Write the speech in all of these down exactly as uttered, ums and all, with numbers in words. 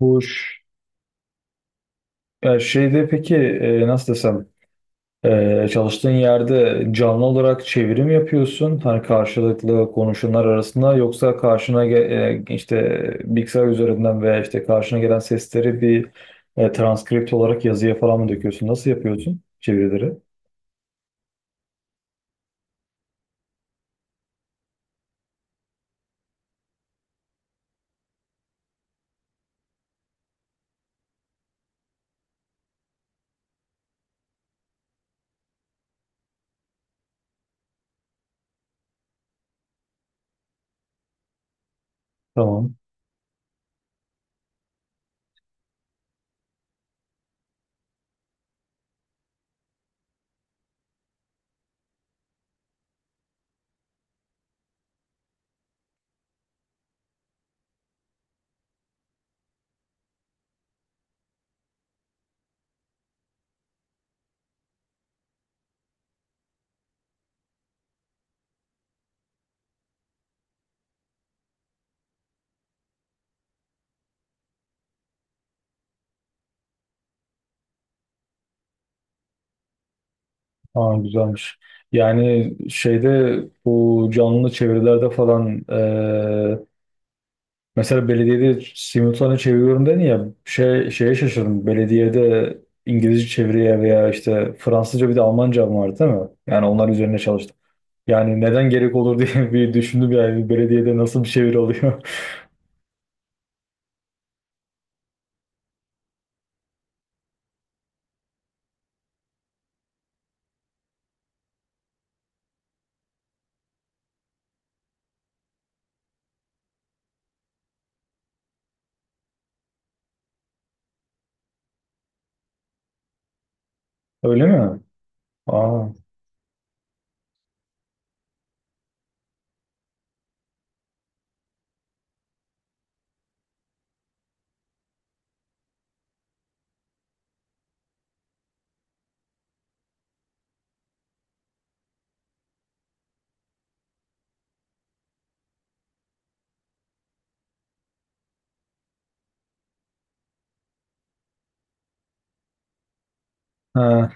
Bu ş- ya şeyde peki e, nasıl desem, e, çalıştığın yerde canlı olarak çevirim yapıyorsun hani karşılıklı konuşanlar arasında, yoksa karşına ge- e, işte bilgisayar üzerinden veya işte karşına gelen sesleri bir e, transkript olarak yazıya falan mı döküyorsun? Nasıl yapıyorsun çevirileri? Tamam. Aa, güzelmiş. Yani şeyde, bu canlı çevirilerde falan, e, mesela belediyede simultane çeviriyorum dedin ya, şey, şeye şaşırdım. Belediyede İngilizce çeviriye veya işte Fransızca, bir de Almanca mı vardı değil mi? Yani onlar üzerine çalıştım. Yani neden gerek olur diye bir düşündüm yani, belediyede nasıl bir çeviri oluyor. Öyle mi? Aa, ha,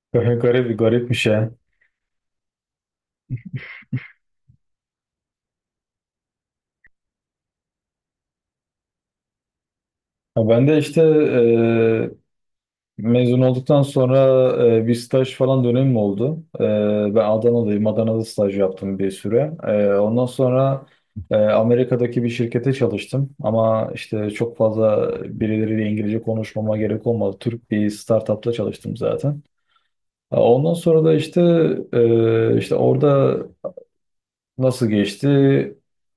garip garip garipmiş ya. Ha, ben de işte mezun olduktan sonra e, bir staj falan dönemim oldu. E, ben Adanalıyım. Adana'da staj yaptım bir süre. E, ondan sonra e, Amerika'daki bir şirkete çalıştım. Ama işte çok fazla birileriyle İngilizce konuşmama gerek olmadı. Türk bir startupta çalıştım zaten. E, Ondan sonra da işte e, işte orada nasıl geçti?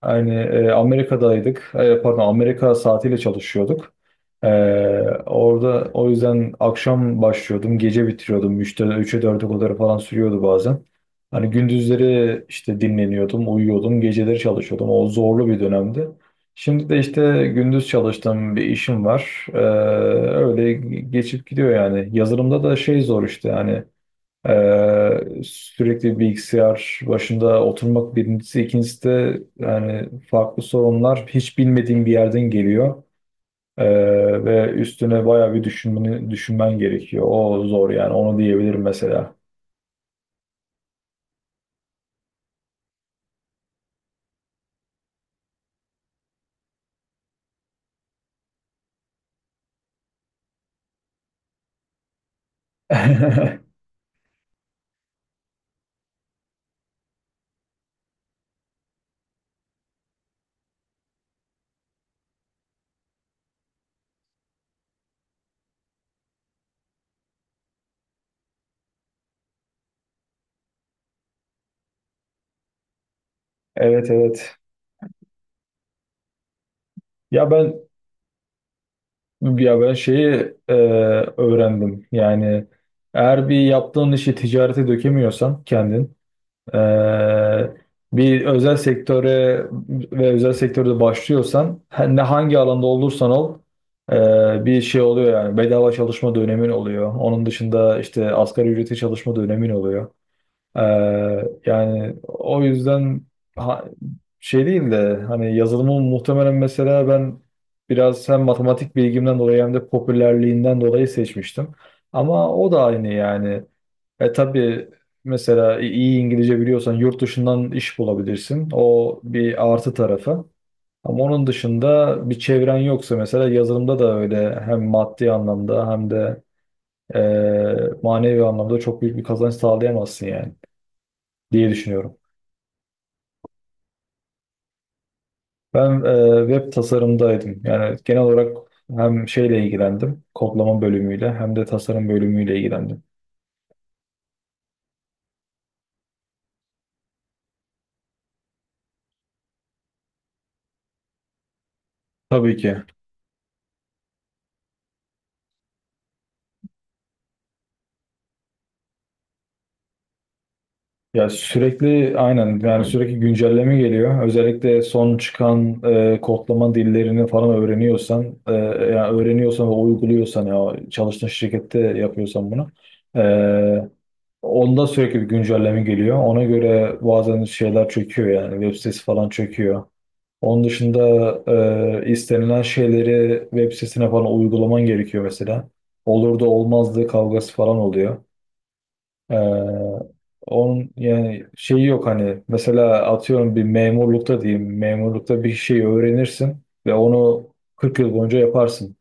Yani, e, Amerika'daydık. E, pardon, Amerika saatiyle çalışıyorduk. E, Orada o yüzden akşam başlıyordum, gece bitiriyordum. üçte üçe dörde kadar falan sürüyordu bazen. Hani gündüzleri işte dinleniyordum, uyuyordum, geceleri çalışıyordum. O zorlu bir dönemdi. Şimdi de işte gündüz çalıştığım bir işim var. E, öyle geçip gidiyor yani. Yazılımda da şey, zor işte yani. Ee, sürekli bilgisayar başında oturmak birincisi, ikincisi de yani farklı sorunlar hiç bilmediğin bir yerden geliyor. Ee, ve üstüne bayağı bir düşünmeni, düşünmen gerekiyor. O zor yani, onu diyebilirim mesela. Evet, evet. Ya ben ya ben şeyi, e, öğrendim. Yani eğer bir yaptığın işi ticarete dökemiyorsan kendin, Ee, bir özel sektöre ve özel sektörde başlıyorsan, her- ne hangi alanda olursan ol, e, bir şey oluyor yani, bedava çalışma dönemin oluyor. Onun dışında işte asgari ücreti çalışma dönemin oluyor. Ee, Yani o yüzden ha- şey değil de, hani yazılımı muhtemelen mesela ben biraz hem matematik bilgimden dolayı hem de popülerliğinden dolayı seçmiştim. Ama o da aynı yani. E tabii, mesela i- iyi İngilizce biliyorsan yurt dışından iş bulabilirsin. O bir artı tarafı. Ama onun dışında bir çevren yoksa, mesela yazılımda da öyle, hem maddi anlamda hem de e, manevi anlamda çok büyük bir kazanç sağlayamazsın yani, diye düşünüyorum. Ben, e, web tasarımdaydım. Yani genel olarak hem şeyle ilgilendim, kodlama bölümüyle, hem de tasarım bölümüyle ilgilendim. Tabii ki. Ya sürekli, aynen yani, sürekli güncelleme geliyor. Özellikle son çıkan e, kodlama dillerini falan öğreniyorsan, e, yani öğreniyorsan ve uyguluyorsan, ya çalıştığın şirkette yapıyorsan bunu, e, onda sürekli bir güncelleme geliyor. Ona göre bazen şeyler çöküyor yani, web sitesi falan çöküyor. Onun dışında e, istenilen şeyleri web sitesine falan uygulaman gerekiyor mesela. Olur da olmazdı kavgası falan oluyor. E, Onun yani şeyi yok, hani mesela atıyorum bir memurlukta, diyeyim memurlukta bir şey öğrenirsin ve onu kırk yıl boyunca yaparsın.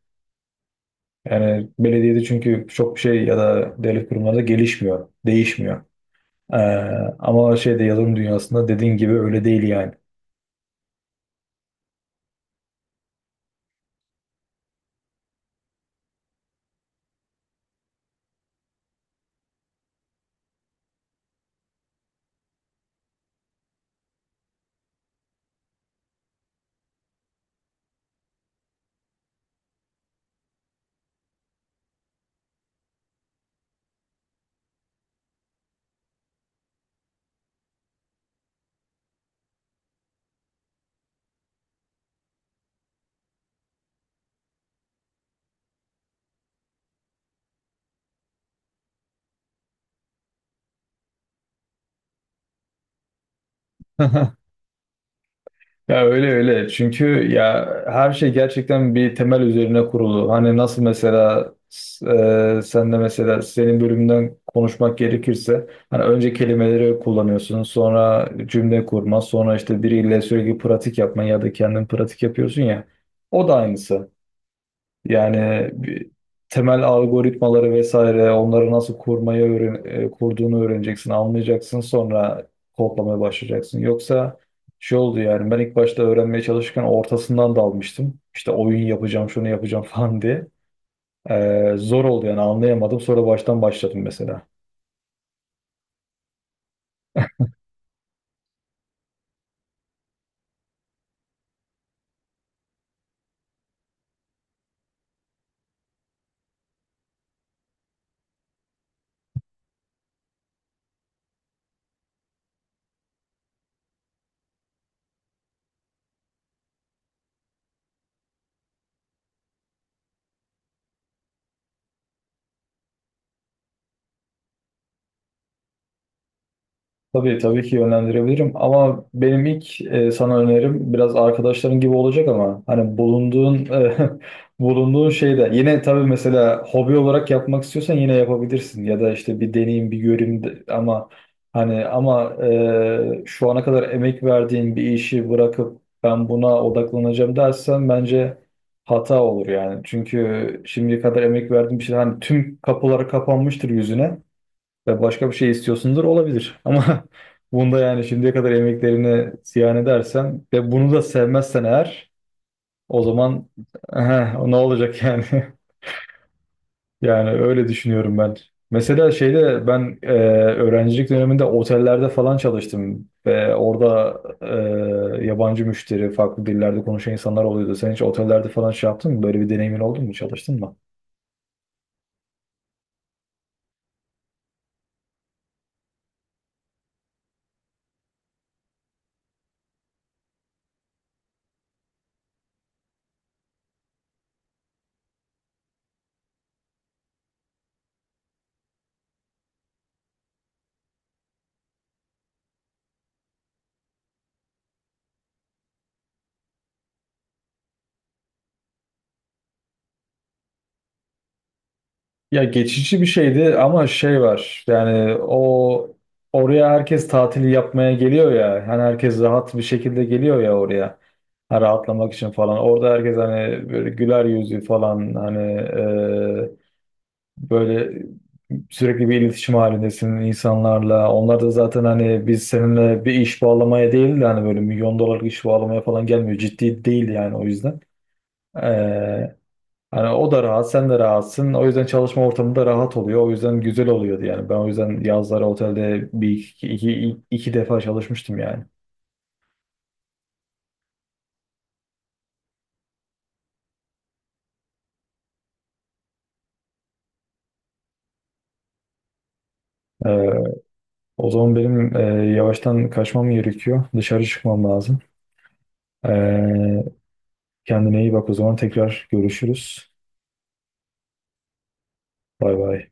Yani belediyede çünkü çok bir şey, ya da devlet kurumlarında gelişmiyor, değişmiyor. Ee, Ama şeyde, yazılım dünyasında, dediğin gibi öyle değil yani. Ya öyle öyle. Çünkü ya, her şey gerçekten bir temel üzerine kurulu. Hani nasıl mesela, e, sen de mesela senin bölümünden konuşmak gerekirse, hani önce kelimeleri kullanıyorsun, sonra cümle kurma, sonra işte biriyle sürekli pratik yapma ya da kendin pratik yapıyorsun ya. O da aynısı. Yani bir- temel algoritmaları vesaire, onları nasıl kurmayı öğren, e, kurduğunu öğreneceksin, anlayacaksın, sonra kodlamaya başlayacaksın. Yoksa şey oldu yani, ben ilk başta öğrenmeye çalışırken ortasından dalmıştım. İşte oyun yapacağım, şunu yapacağım falan diye. Ee, zor oldu yani, anlayamadım. Sonra baştan başladım mesela. Tabii, tabii ki yönlendirebilirim, ama benim ilk e, sana önerim biraz arkadaşların gibi olacak. Ama hani bulunduğun e, bulunduğun şeyde yine tabii, mesela hobi olarak yapmak istiyorsan yine yapabilirsin ya da işte bir deneyim bir göreyim de- ama hani, ama e, şu ana kadar emek verdiğin bir işi bırakıp ben buna odaklanacağım dersen, bence hata olur yani. Çünkü şimdiye kadar emek verdiğin bir şey, hani tüm kapıları kapanmıştır yüzüne ve başka bir şey istiyorsundur, olabilir. Ama bunda yani, şimdiye kadar emeklerini ziyan edersen ve bunu da sevmezsen eğer, o zaman ne olacak yani? Yani öyle düşünüyorum ben. Mesela şeyde, ben e, öğrencilik döneminde otellerde falan çalıştım ve orada e, yabancı müşteri, farklı dillerde konuşan insanlar oluyordu. Sen hiç otellerde falan şey yaptın mı? Böyle bir deneyimin oldu mu? Çalıştın mı? Ya geçici bir şeydi, ama şey var yani, o oraya herkes tatili yapmaya geliyor ya, yani herkes rahat bir şekilde geliyor ya oraya, ha, rahatlamak için falan. Orada herkes hani böyle güler yüzlü falan, hani e, böyle sürekli bir iletişim halindesin insanlarla, onlar da zaten hani biz seninle bir iş bağlamaya değil de hani böyle milyon dolarlık iş bağlamaya falan gelmiyor, ciddi değil yani, o yüzden. Hani o da rahat, sen de rahatsın. O yüzden çalışma ortamı da rahat oluyor. O yüzden güzel oluyordu yani. Ben o yüzden yazları otelde bir iki, iki, iki defa çalışmıştım yani. Ee, O zaman benim e, yavaştan kaçmam gerekiyor. Dışarı çıkmam lazım. Ee, Kendine iyi bak o zaman. Tekrar görüşürüz. Bay bay.